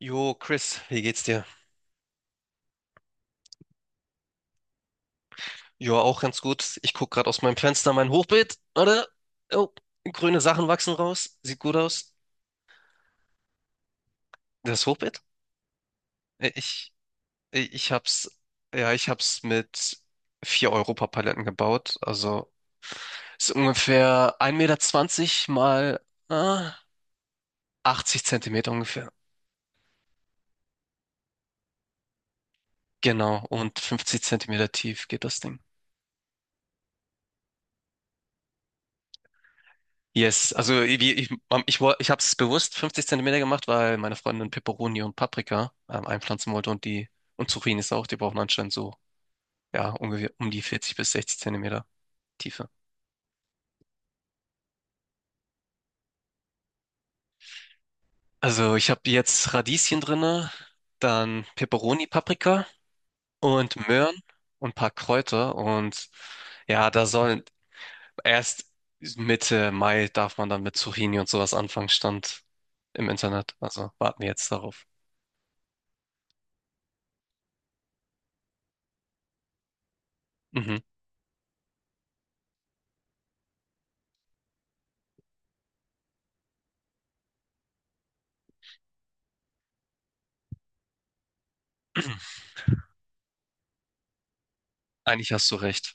Jo, Chris, wie geht's dir? Jo, auch ganz gut. Ich guck gerade aus meinem Fenster mein Hochbeet. Warte. Oh, grüne Sachen wachsen raus. Sieht gut aus. Das Hochbeet? Äh, Ich, äh, ich hab's, ja, ich hab's mit 4 Europapaletten gebaut. Also ist ungefähr 1,20 Meter mal ah, 80 Zentimeter ungefähr. Genau. Und 50 Zentimeter tief geht das Ding. Yes, also ich habe es bewusst 50 Zentimeter gemacht, weil meine Freundin Peperoni und Paprika einpflanzen wollte und die und Zucchinis auch. Die brauchen anscheinend so, ja, ungefähr um die 40 bis 60 Zentimeter Tiefe. Also ich habe jetzt Radieschen drinne, dann Peperoni, Paprika und Möhren und ein paar Kräuter und ja, da sollen erst Mitte Mai darf man dann mit Zucchini und sowas anfangen, stand im Internet. Also warten wir jetzt darauf. Mhm. Eigentlich hast du recht.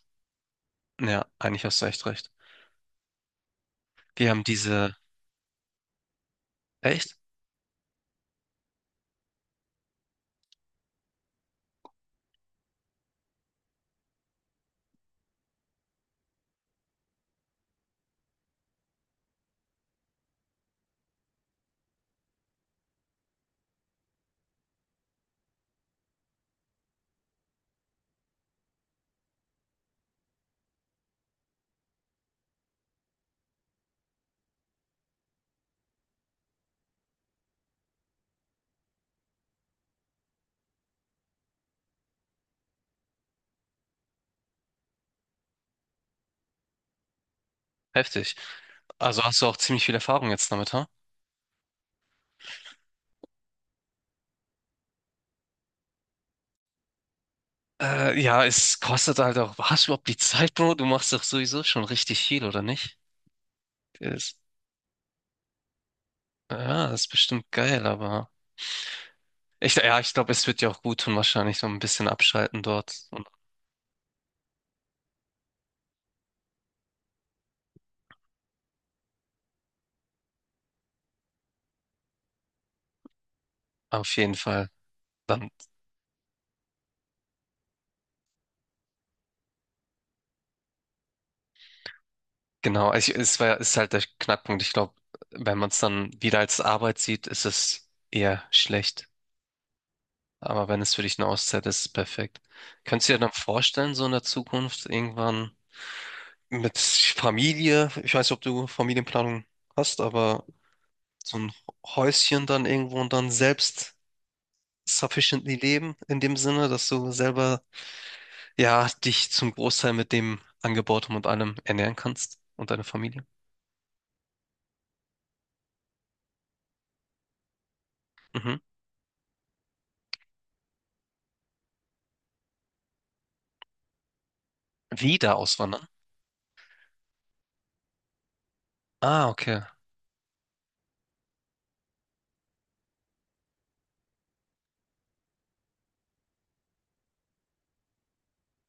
Ja, eigentlich hast du echt recht. Die haben diese. Echt? Heftig. Also hast du auch ziemlich viel Erfahrung jetzt damit, ha? Ja, es kostet halt auch. Hast du überhaupt die Zeit, Bro? Du machst doch sowieso schon richtig viel, oder nicht? Ist, ja, das ist bestimmt geil, aber. Ja, ich glaube, es wird dir auch gut tun, wahrscheinlich so ein bisschen abschalten dort. Und auf jeden Fall. Dann, genau. Ist halt der Knackpunkt. Ich glaube, wenn man es dann wieder als Arbeit sieht, ist es eher schlecht. Aber wenn es für dich eine Auszeit ist, ist es perfekt. Könntest du dir dann vorstellen, so in der Zukunft irgendwann mit Familie, ich weiß nicht, ob du Familienplanung hast, aber so ein Häuschen dann irgendwo und dann selbst sufficiently leben, in dem Sinne, dass du selber, ja, dich zum Großteil mit dem Angebauten und allem ernähren kannst und deine Familie? Mhm. Wieder auswandern? Ah, okay.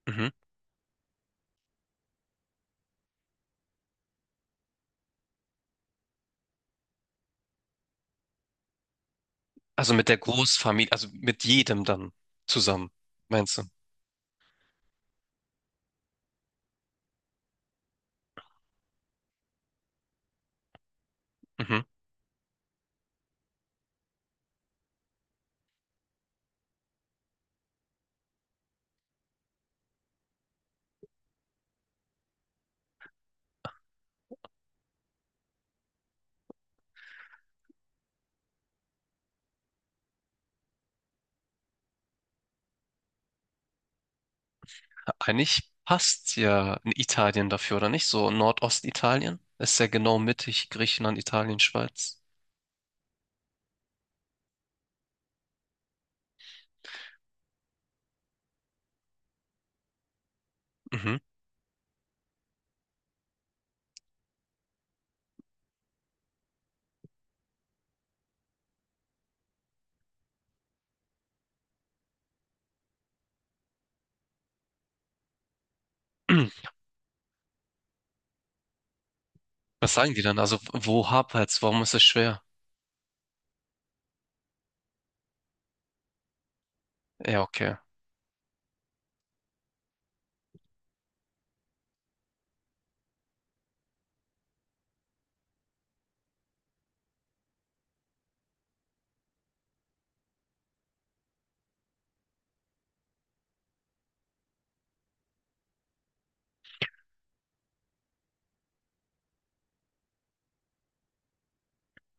Mhm. Also mit der Großfamilie, also mit jedem dann zusammen, meinst du? Mhm. Eigentlich passt ja in Italien dafür, oder nicht? So Nordostitalien ist ja genau mittig Griechenland, Italien, Schweiz. Mhm. Was sagen die dann? Also wo hapert's? Warum ist es schwer? Ja, okay.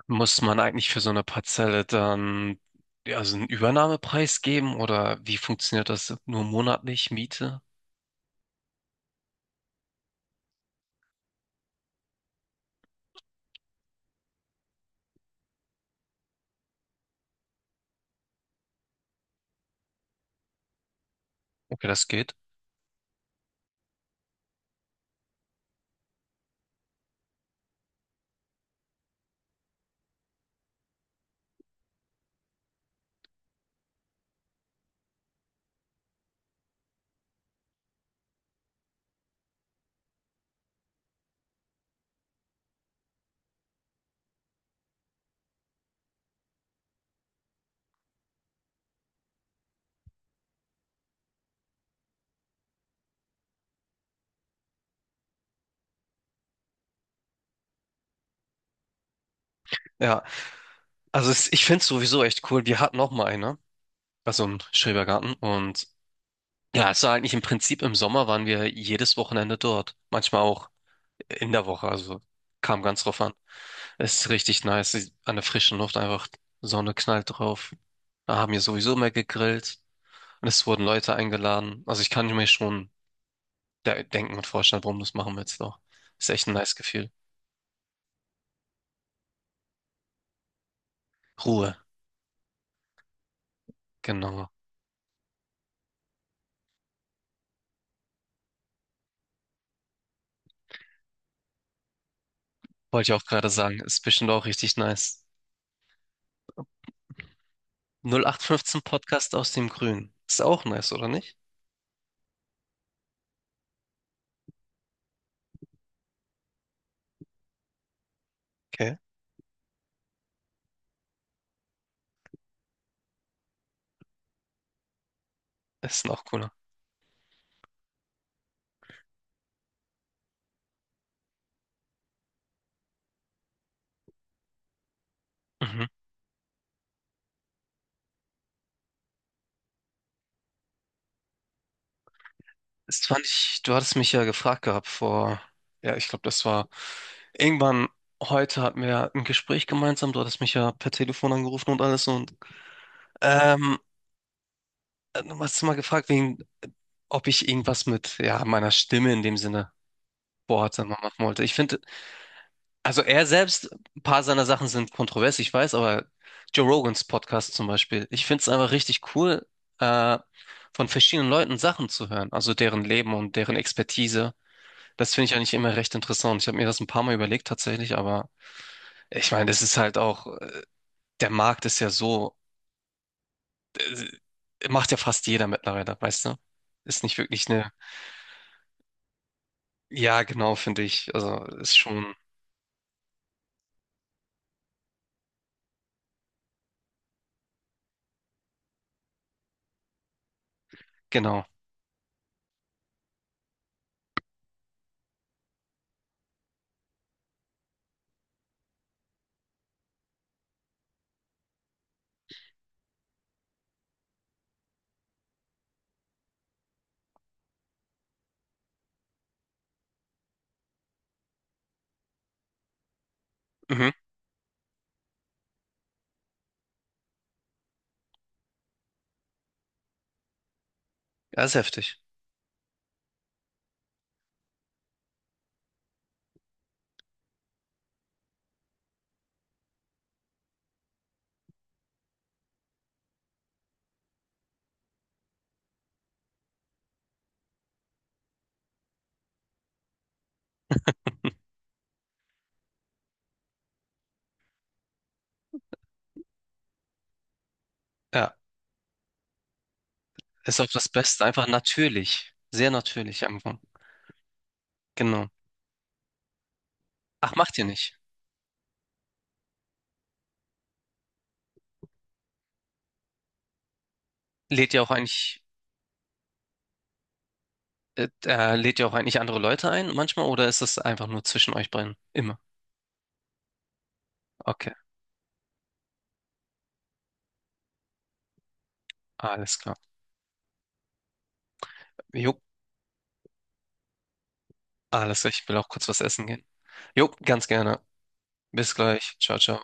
Muss man eigentlich für so eine Parzelle dann ja, also einen Übernahmepreis geben oder wie funktioniert das? Nur monatlich Miete? Okay, das geht. Ja, also ich finde es sowieso echt cool. Wir hatten auch mal eine, also im Schrebergarten, und ja, es war eigentlich im Prinzip, im Sommer waren wir jedes Wochenende dort. Manchmal auch in der Woche, also kam ganz drauf an. Es ist richtig nice, an der frischen Luft, einfach Sonne knallt drauf. Da haben wir sowieso mehr gegrillt und es wurden Leute eingeladen. Also ich kann mir schon de denken und vorstellen, warum. Das machen wir jetzt auch. Ist echt ein nice Gefühl. Ruhe, genau. Wollte ich auch gerade sagen, ist bestimmt auch richtig nice. 0815 Podcast aus dem Grün. Ist auch nice, oder nicht? Okay, das ist noch cooler. Mhm. Das fand ich, du hattest mich ja gefragt gehabt vor, ja, ich glaube, das war irgendwann, heute hatten wir ja ein Gespräch gemeinsam. Du hattest mich ja per Telefon angerufen und alles, und ähm, du hast mal gefragt, wegen, ob ich irgendwas mit, ja, meiner Stimme in dem Sinne Boards machen wollte. Ich finde, also er selbst, ein paar seiner Sachen sind kontrovers, ich weiß, aber Joe Rogans Podcast zum Beispiel, ich finde es einfach richtig cool, äh, von verschiedenen Leuten Sachen zu hören, also deren Leben und deren Expertise. Das finde ich eigentlich immer recht interessant. Ich habe mir das ein paar Mal überlegt tatsächlich, aber ich meine, das ist halt auch, der Markt ist ja so, äh, macht ja fast jeder mittlerweile, weißt du? Ist nicht wirklich eine, ja, genau, finde ich. Also ist schon, genau. Mhm. Ja, ist heftig. Ja, ist auch das Beste, einfach natürlich, sehr natürlich einfach. Genau. Ach, macht ihr nicht? Lädt ihr auch eigentlich, lädt ihr auch eigentlich andere Leute ein manchmal, oder ist das einfach nur zwischen euch beiden? Immer. Okay, alles klar. Jo, alles klar, ich will auch kurz was essen gehen. Jo, ganz gerne. Bis gleich. Ciao, ciao.